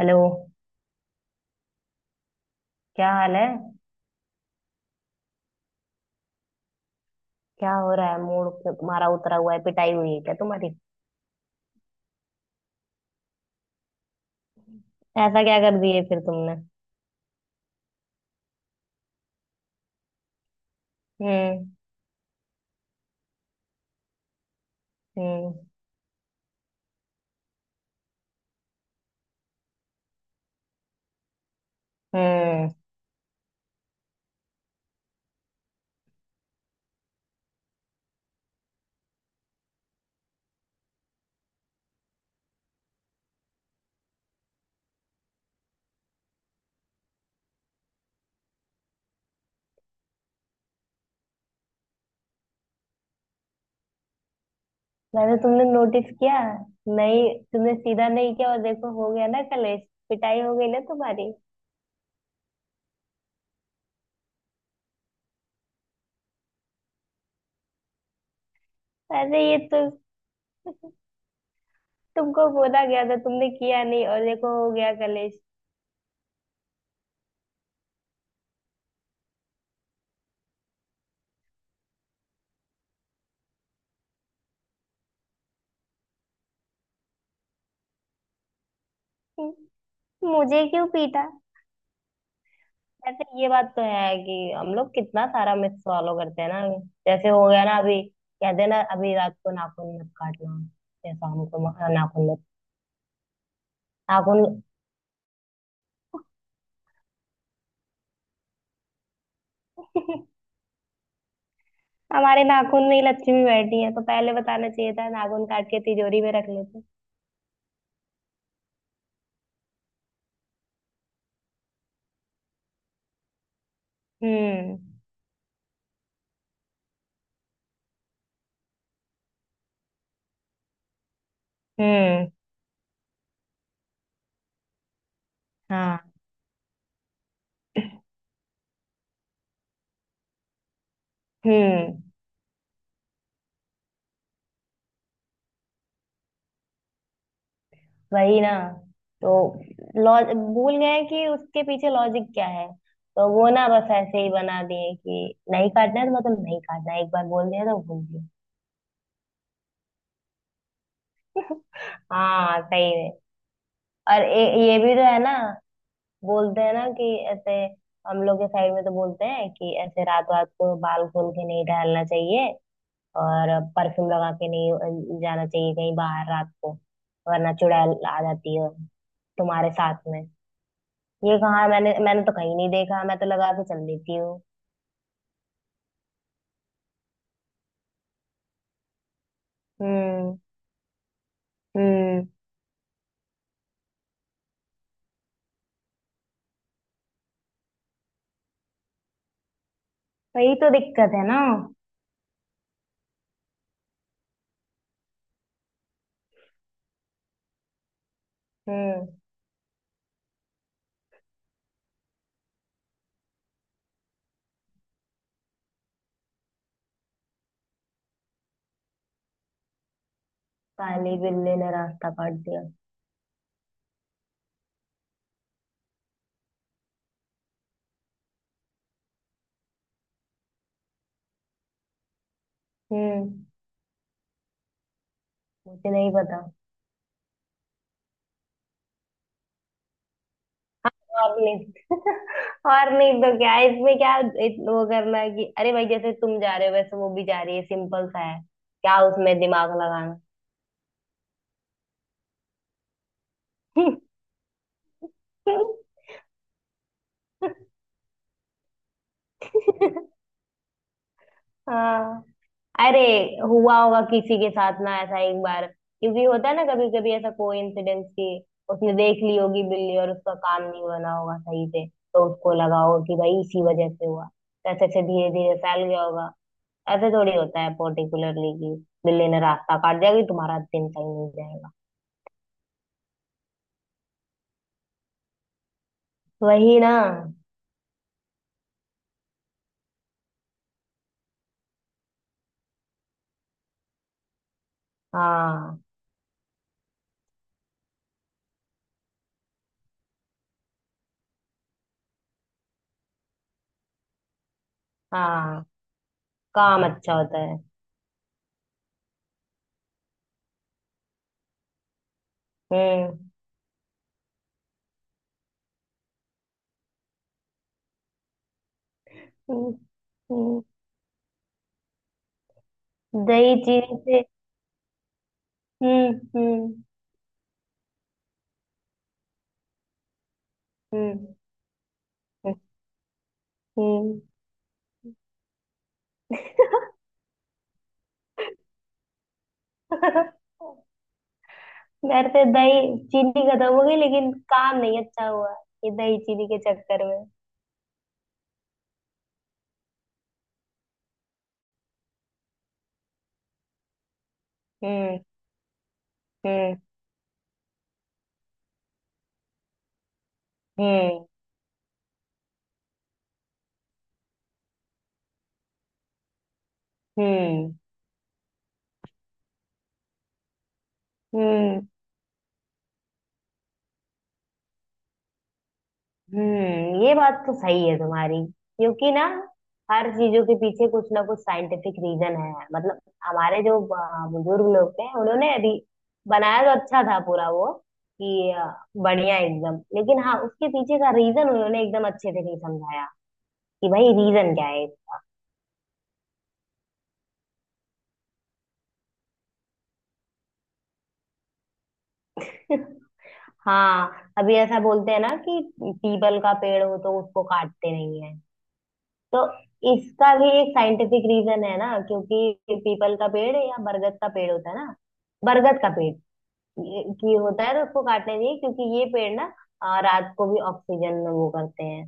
Hello. क्या हाल है? क्या हो रहा है? मूड तुम्हारा उतरा हुआ है। पिटाई हुई है क्या तुम्हारी? ऐसा क्या कर दिए फिर तुमने? हम्म। हम्म। हम्म। वैसे तुमने नोटिस किया नहीं, तुमने सीधा नहीं किया और देखो हो गया ना कलेश। पिटाई हो गई ना तुम्हारी। अरे ये तो तुमको बोला गया था, तुमने किया नहीं और देखो हो गया कलेश। हम्म, मुझे क्यों पीटा? वैसे ये बात तो है कि हम लोग कितना सारा मिस फॉलो करते हैं ना। जैसे हो गया ना अभी, कहते हैं ना अभी रात को नाखून मत काटना। जैसा हमको नाखून मत, नाखून हमारे नाखून में ही लक्ष्मी बैठी है तो पहले बताना चाहिए था, नाखून काट के तिजोरी में रख लेते। हम्म। हम्म। हाँ। हम्म। वही ना। तो लॉज भूल गए कि उसके पीछे लॉजिक क्या है। तो वो ना बस ऐसे ही बना दिए कि नहीं काटना है तो मतलब नहीं काटना है। एक बार बोल दिया तो बोल दिया। हाँ सही में। और ये भी तो है ना। बोलते हैं ना कि ऐसे, हम लोग के साइड में तो बोलते हैं कि ऐसे रात रात को बाल खोल के नहीं टहलना चाहिए। और परफ्यूम लगा के नहीं जाना चाहिए कहीं बाहर रात को, वरना चुड़ैल आ जाती है तुम्हारे साथ में। ये कहाँ? मैंने मैंने तो कहीं नहीं देखा। मैं तो लगा के चल देती हूँ। हम्म। हम्म। वही तो दिक्कत है ना। हम्म। काली बिल्ली ने रास्ता काट दिया। हम्म। मुझे नहीं पता। और नहीं और नहीं तो क्या है, इसमें क्या? वो करना है कि अरे भाई जैसे तुम जा रहे हो वैसे वो भी जा रही है, सिंपल सा है। क्या उसमें दिमाग लगाना? हाँ। अरे हुआ होगा किसी के साथ ना ऐसा एक बार, क्योंकि होता है ना कभी कभी ऐसा कोई इंसिडेंस की उसने देख ली होगी बिल्ली और उसका काम नहीं बना होगा सही से, तो उसको लगा होगा कि भाई इसी वजह से हुआ, तो ऐसे ऐसे धीरे धीरे फैल गया होगा। ऐसे थोड़ी होता है पर्टिकुलरली कि बिल्ली ने रास्ता काट जाएगी तुम्हारा दिन सही नहीं जाएगा। वही ना। हाँ। हाँ। काम अच्छा होता है। हम्म। हम्म। हम्म। दही चीनी से। हम्म। हम्म। हम्म। हम्म। हम्म। मेरे से दही चीनी खत्म हो गई लेकिन काम नहीं अच्छा हुआ ये दही चीनी के चक्कर में। हम्म। हम्म। हम्म। हम्म। हम्म। ये बात तो सही है तुम्हारी। क्योंकि ना हर चीजों के पीछे कुछ ना कुछ साइंटिफिक रीजन है, मतलब हमारे जो बुजुर्ग लोग थे उन्होंने अभी बनाया तो अच्छा था पूरा वो, कि बढ़िया एकदम, लेकिन हाँ उसके पीछे का रीजन उन्होंने एकदम अच्छे से नहीं समझाया कि भाई रीजन क्या है। हाँ अभी ऐसा बोलते हैं ना कि पीपल का पेड़ हो तो उसको काटते नहीं है, तो इसका भी एक साइंटिफिक रीजन है ना, क्योंकि पीपल का पेड़ या बरगद का पेड़ होता है ना। बरगद का पेड़ की होता है तो उसको काटना चाहिए, क्योंकि ये पेड़ ना रात को भी ऑक्सीजन वो करते हैं,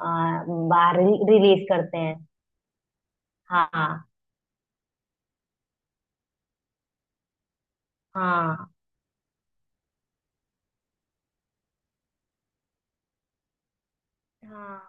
अ, बाहर रिलीज करते हैं। हाँ। हाँ। हाँ।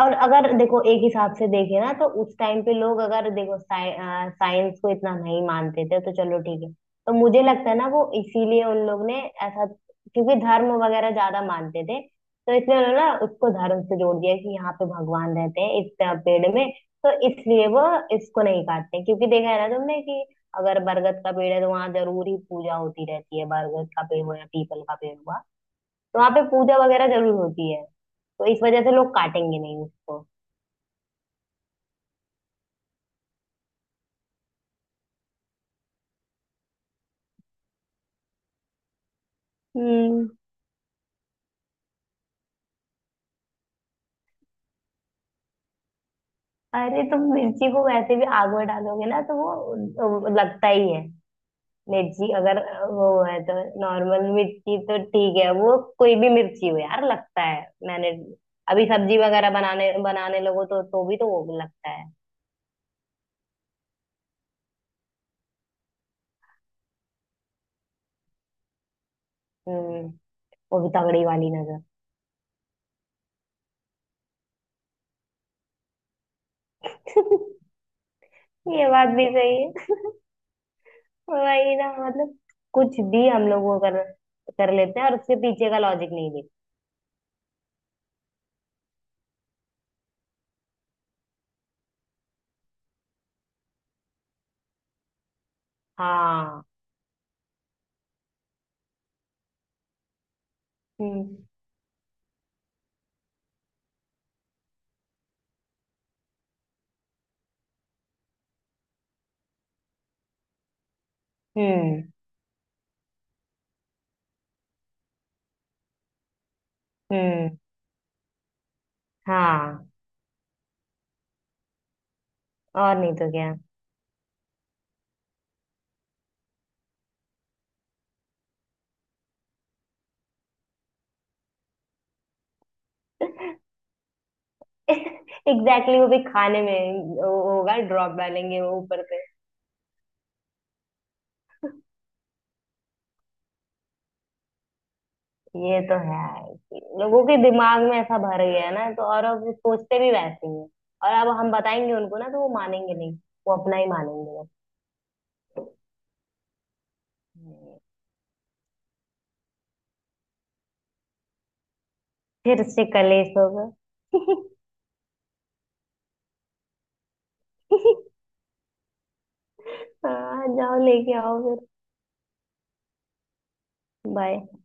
और अगर देखो एक हिसाब से देखे ना तो उस टाइम पे लोग अगर देखो साइंस को इतना नहीं मानते थे, तो चलो ठीक है। तो मुझे लगता है ना वो इसीलिए उन लोग ने ऐसा, क्योंकि धर्म वगैरह ज्यादा मानते थे, तो इसलिए उन्होंने ना उसको धर्म से जोड़ दिया कि यहाँ पे भगवान रहते हैं इस तरह पेड़ में। तो इसलिए वो इसको नहीं काटते, क्योंकि देखा है ना तुमने कि अगर बरगद का पेड़ है तो वहां जरूर ही पूजा होती रहती है, बरगद का पेड़ हुआ या पीपल का पेड़ हुआ तो वहां पे पूजा वगैरह जरूर होती है। तो इस वजह से लोग काटेंगे नहीं उसको। हम्म। अरे तुम मिर्ची को वैसे भी आग में डालोगे ना तो वो लगता ही है। मिर्ची अगर वो है तो, नॉर्मल मिर्ची तो ठीक है, वो कोई भी मिर्ची हो यार लगता है। मैंने अभी सब्जी वगैरह बनाने बनाने लगो तो भी तो वो लगता है। हम्म। वो भी तगड़ी वाली नजर। ये बात भी सही है। वही ना, मतलब कुछ भी हम लोग वो कर, कर लेते हैं और उसके पीछे का लॉजिक नहीं देखते। हाँ। हम्म। हम्म। हम्म। हाँ। और नहीं तो क्या? एग्जैक्टली exactly, वो भी खाने में। वो होगा, ड्रॉप डालेंगे वो ऊपर से। ये तो है कि लोगों के दिमाग में ऐसा भर गया है ना, तो और अब वो सोचते भी वैसे ही हैं। और अब हम बताएंगे उनको ना तो वो मानेंगे नहीं। वो अपना ही मानेंगे बस। हम्म। फिर से कलेश होगा। हाँ जाओ लेके आओ फिर। बाय।